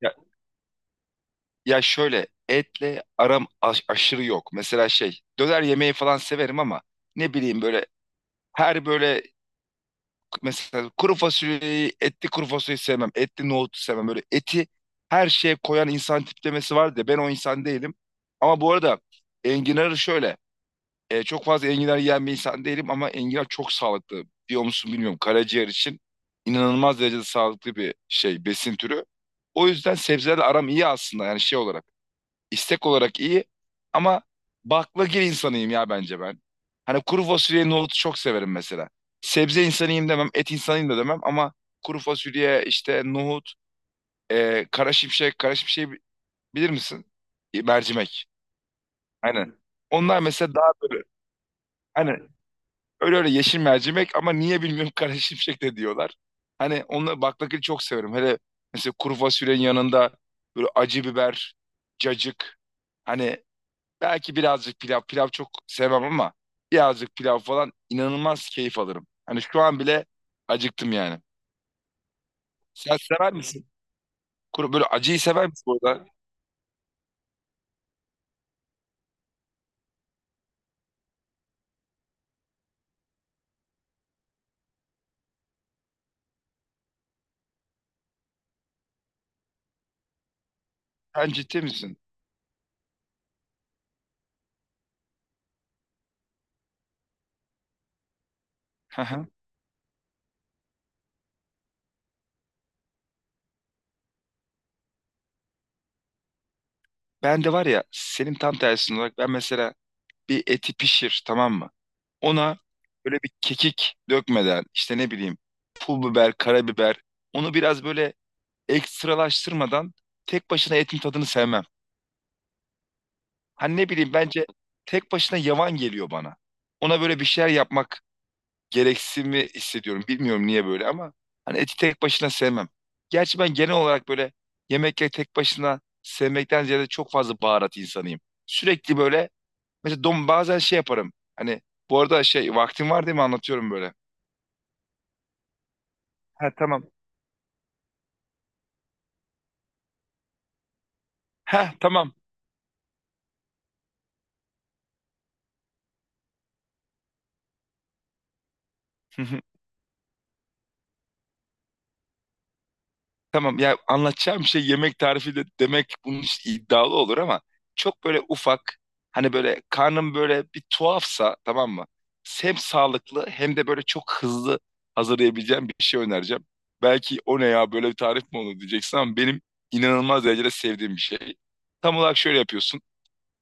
Ya, ya, şöyle etle aram aşırı yok. Mesela şey döner yemeği falan severim ama ne bileyim böyle her böyle mesela kuru fasulyeyi etli kuru fasulyeyi sevmem. Etli nohutu sevmem. Böyle eti her şeye koyan insan tiplemesi var da ben o insan değilim. Ama bu arada enginarı şöyle çok fazla enginar yiyen bir insan değilim ama enginar çok sağlıklı. Biliyor musun bilmiyorum karaciğer için inanılmaz derecede sağlıklı bir şey besin türü. O yüzden sebzelerle aram iyi aslında yani şey olarak. İstek olarak iyi ama baklagil insanıyım ya bence ben. Hani kuru fasulye nohutu çok severim mesela. Sebze insanıyım demem, et insanıyım da demem ama kuru fasulye işte nohut, kara şimşek, kara şimşeği bilir misin? Mercimek. Aynen. Onlar mesela daha böyle hani öyle öyle yeşil mercimek ama niye bilmiyorum kara şimşek de diyorlar. Hani onları baklagili çok severim. Hele mesela kuru fasulyenin yanında böyle acı biber, cacık. Hani belki birazcık pilav. Pilav çok sevmem ama birazcık pilav falan inanılmaz keyif alırım. Hani şu an bile acıktım yani. Sen sever misin? Kuru, böyle acıyı sever misin bu arada? Sen ciddi misin? Hı hı. Ben de var ya senin tam tersin olarak ben mesela bir eti pişir tamam mı? Ona böyle bir kekik dökmeden işte ne bileyim pul biber, karabiber onu biraz böyle ekstralaştırmadan tek başına etin tadını sevmem. Hani ne bileyim bence tek başına yavan geliyor bana. Ona böyle bir şeyler yapmak gereksinimi hissediyorum. Bilmiyorum niye böyle ama hani eti tek başına sevmem. Gerçi ben genel olarak böyle yemekleri tek başına sevmekten ziyade çok fazla baharat insanıyım. Sürekli böyle mesela dom bazen şey yaparım. Hani bu arada şey vaktim var değil mi anlatıyorum böyle. Ha, tamam. Ha, tamam. Tamam ya, anlatacağım şey yemek tarifi de demek bunun için iddialı olur ama çok böyle ufak hani böyle karnım böyle bir tuhafsa tamam mı? Hem sağlıklı hem de böyle çok hızlı hazırlayabileceğim bir şey önereceğim. Belki o ne ya böyle bir tarif mi olur diyeceksin ama benim inanılmaz derecede sevdiğim bir şey. Tam olarak şöyle yapıyorsun.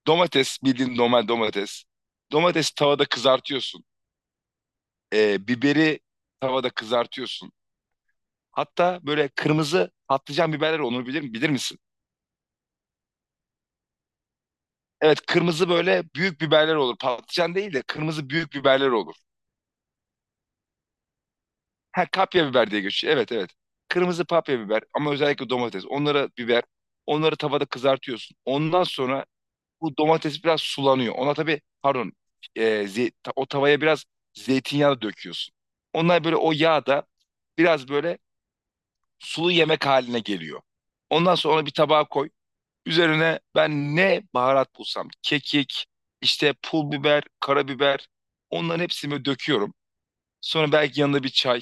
Domates bildiğin normal domates. Domatesi tavada kızartıyorsun. Biberi tavada kızartıyorsun. Hatta böyle kırmızı patlıcan biberler onu bilir misin? Evet, kırmızı böyle büyük biberler olur. Patlıcan değil de kırmızı büyük biberler olur. Ha, kapya biber diye geçiyor. Evet, evet. Kırmızı papya biber ama özellikle domates. Onlara biber. Onları tavada kızartıyorsun. Ondan sonra bu domates biraz sulanıyor. Ona tabii pardon o tavaya biraz zeytinyağı döküyorsun. Onlar böyle o yağ da biraz böyle sulu yemek haline geliyor. Ondan sonra onu bir tabağa koy. Üzerine ben ne baharat bulsam, kekik, işte pul biber, karabiber, onların hepsini döküyorum. Sonra belki yanında bir çay,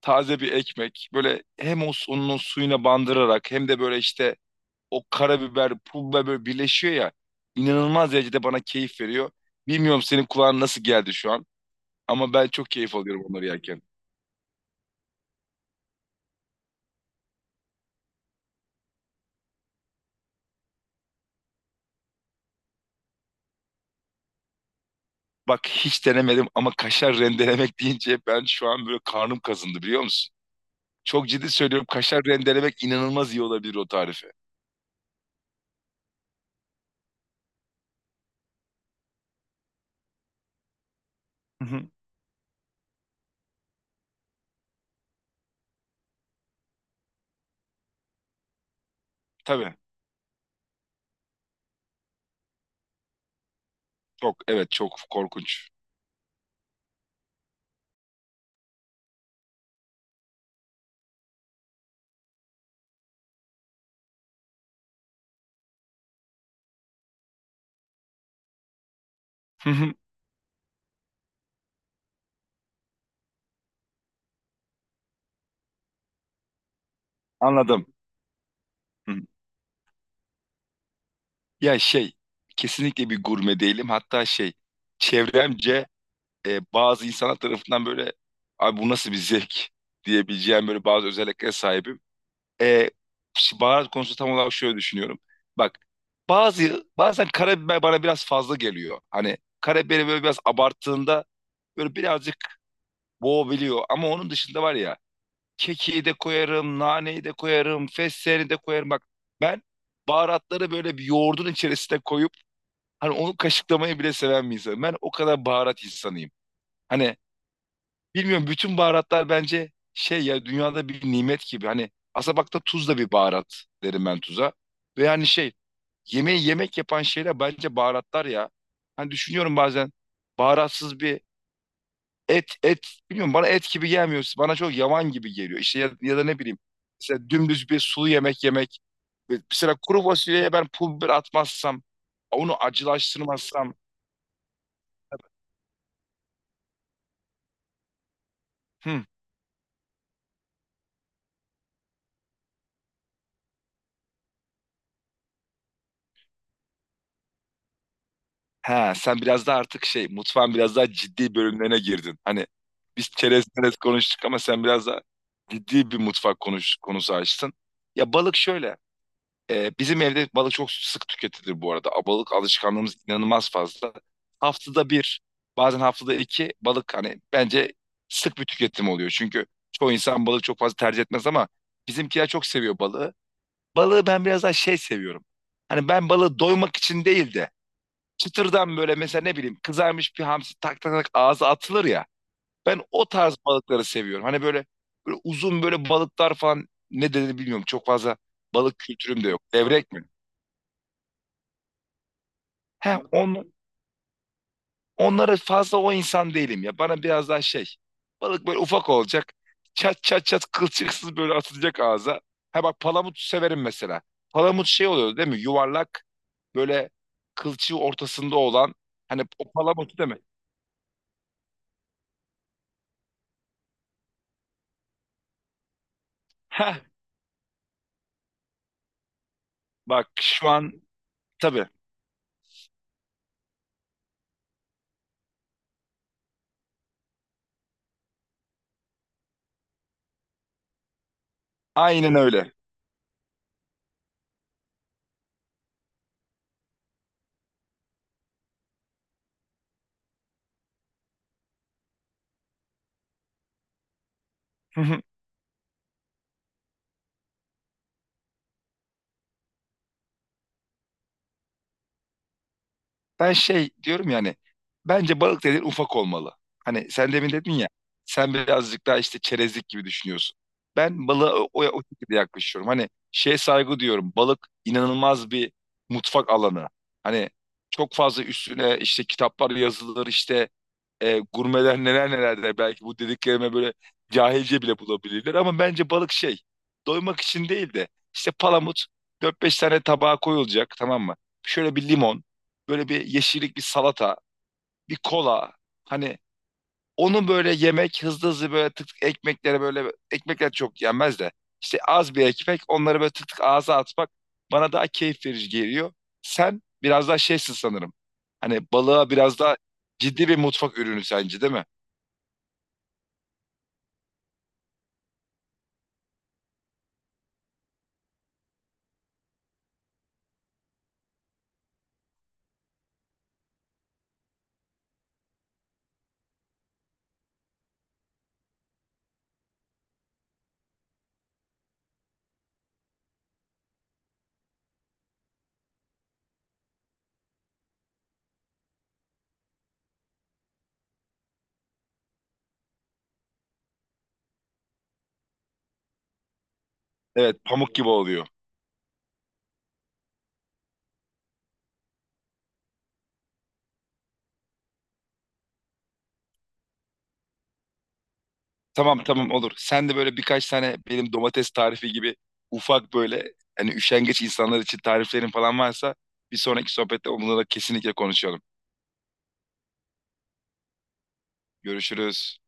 taze bir ekmek. Böyle hem o onun o suyuna bandırarak hem de böyle işte o karabiber, pul biber böyle birleşiyor ya. İnanılmaz derecede bana keyif veriyor. Bilmiyorum senin kulağına nasıl geldi şu an ama ben çok keyif alıyorum onları yerken. Bak hiç denemedim ama kaşar rendelemek deyince ben şu an böyle karnım kazındı biliyor musun? Çok ciddi söylüyorum, kaşar rendelemek inanılmaz iyi olabilir o tarife. Hı hı. Tabii. Çok, evet, çok korkunç. Hı hı. Anladım. Hı hı. Ya şey, kesinlikle bir gurme değilim. Hatta şey çevremce bazı insanlar tarafından böyle abi bu nasıl bir zevk diyebileceğim böyle bazı özelliklere sahibim. E, Baharat konusu tam olarak şöyle düşünüyorum. Bak, bazen karabiber bana biraz fazla geliyor. Hani karabiberi böyle biraz abarttığında böyle birazcık boğabiliyor. Ama onun dışında var ya, kekiği de koyarım, naneyi de koyarım, fesleğeni de koyarım. Bak, ben baharatları böyle bir yoğurdun içerisine koyup hani onu kaşıklamayı bile seven bir insanım. Ben o kadar baharat insanıyım. Hani bilmiyorum bütün baharatlar bence şey ya dünyada bir nimet gibi. Hani aslında bak, da tuz da bir baharat derim ben tuza. Ve yani şey, yemeği yemek yapan şeyler bence baharatlar ya. Hani düşünüyorum bazen baharatsız bir et bilmiyorum bana et gibi gelmiyor. Bana çok yavan gibi geliyor. İşte ya, ya da ne bileyim mesela dümdüz bir sulu yemek yemek. Ve mesela kuru fasulyeye ben pul biber atmazsam onu acılaştırmazsam hı, he, Sen biraz daha artık şey mutfağın biraz daha ciddi bölümlerine girdin. Hani biz çerez çerez konuştuk ama sen biraz daha ciddi bir mutfak konusu açtın. Ya, balık şöyle. Bizim evde balık çok sık tüketilir bu arada. Balık alışkanlığımız inanılmaz fazla. Haftada bir, bazen haftada iki balık hani bence sık bir tüketim oluyor. Çünkü çoğu insan balık çok fazla tercih etmez ama bizimkiler çok seviyor balığı. Balığı ben biraz daha şey seviyorum. Hani ben balığı doymak için değil de çıtırdan böyle mesela ne bileyim kızarmış bir hamsi tak tak tak ağza atılır ya. Ben o tarz balıkları seviyorum. Hani böyle, böyle uzun böyle balıklar falan ne dediğini bilmiyorum. Çok fazla balık kültürüm de yok. Levrek mi? He, onlara fazla o insan değilim ya. Bana biraz daha şey. Balık böyle ufak olacak. Çat çat çat kılçıksız böyle atılacak ağza. Ha bak, palamut severim mesela. Palamut şey oluyor değil mi? Yuvarlak böyle kılçığı ortasında olan hani o palamut değil mi? Heh, bak şu an tabii aynen öyle. Ben şey diyorum yani bence balık dediğin ufak olmalı. Hani sen demin dedin ya, sen birazcık daha işte çerezlik gibi düşünüyorsun. Ben balığa o şekilde yaklaşıyorum. Hani şeye saygı diyorum. Balık inanılmaz bir mutfak alanı. Hani çok fazla üstüne işte kitaplar yazılır işte gurmeler neler neler der. Belki bu dediklerime böyle cahilce bile bulabilirler. Ama bence balık şey, doymak için değil de işte palamut dört beş tane tabağa koyulacak tamam mı? Şöyle bir limon, böyle bir yeşillik bir salata, bir kola. Hani onu böyle yemek hızlı hızlı böyle tık tık ekmeklere böyle ekmekler çok yenmez de işte az bir ekmek onları böyle tık tık ağza atmak bana daha keyif verici geliyor. Sen biraz daha şeysin sanırım. Hani balığa biraz daha ciddi bir mutfak ürünü sence değil mi? Evet, pamuk gibi oluyor. Tamam, tamam, olur. Sen de böyle birkaç tane benim domates tarifi gibi ufak böyle hani üşengeç insanlar için tariflerin falan varsa bir sonraki sohbette onunla da kesinlikle konuşalım. Görüşürüz.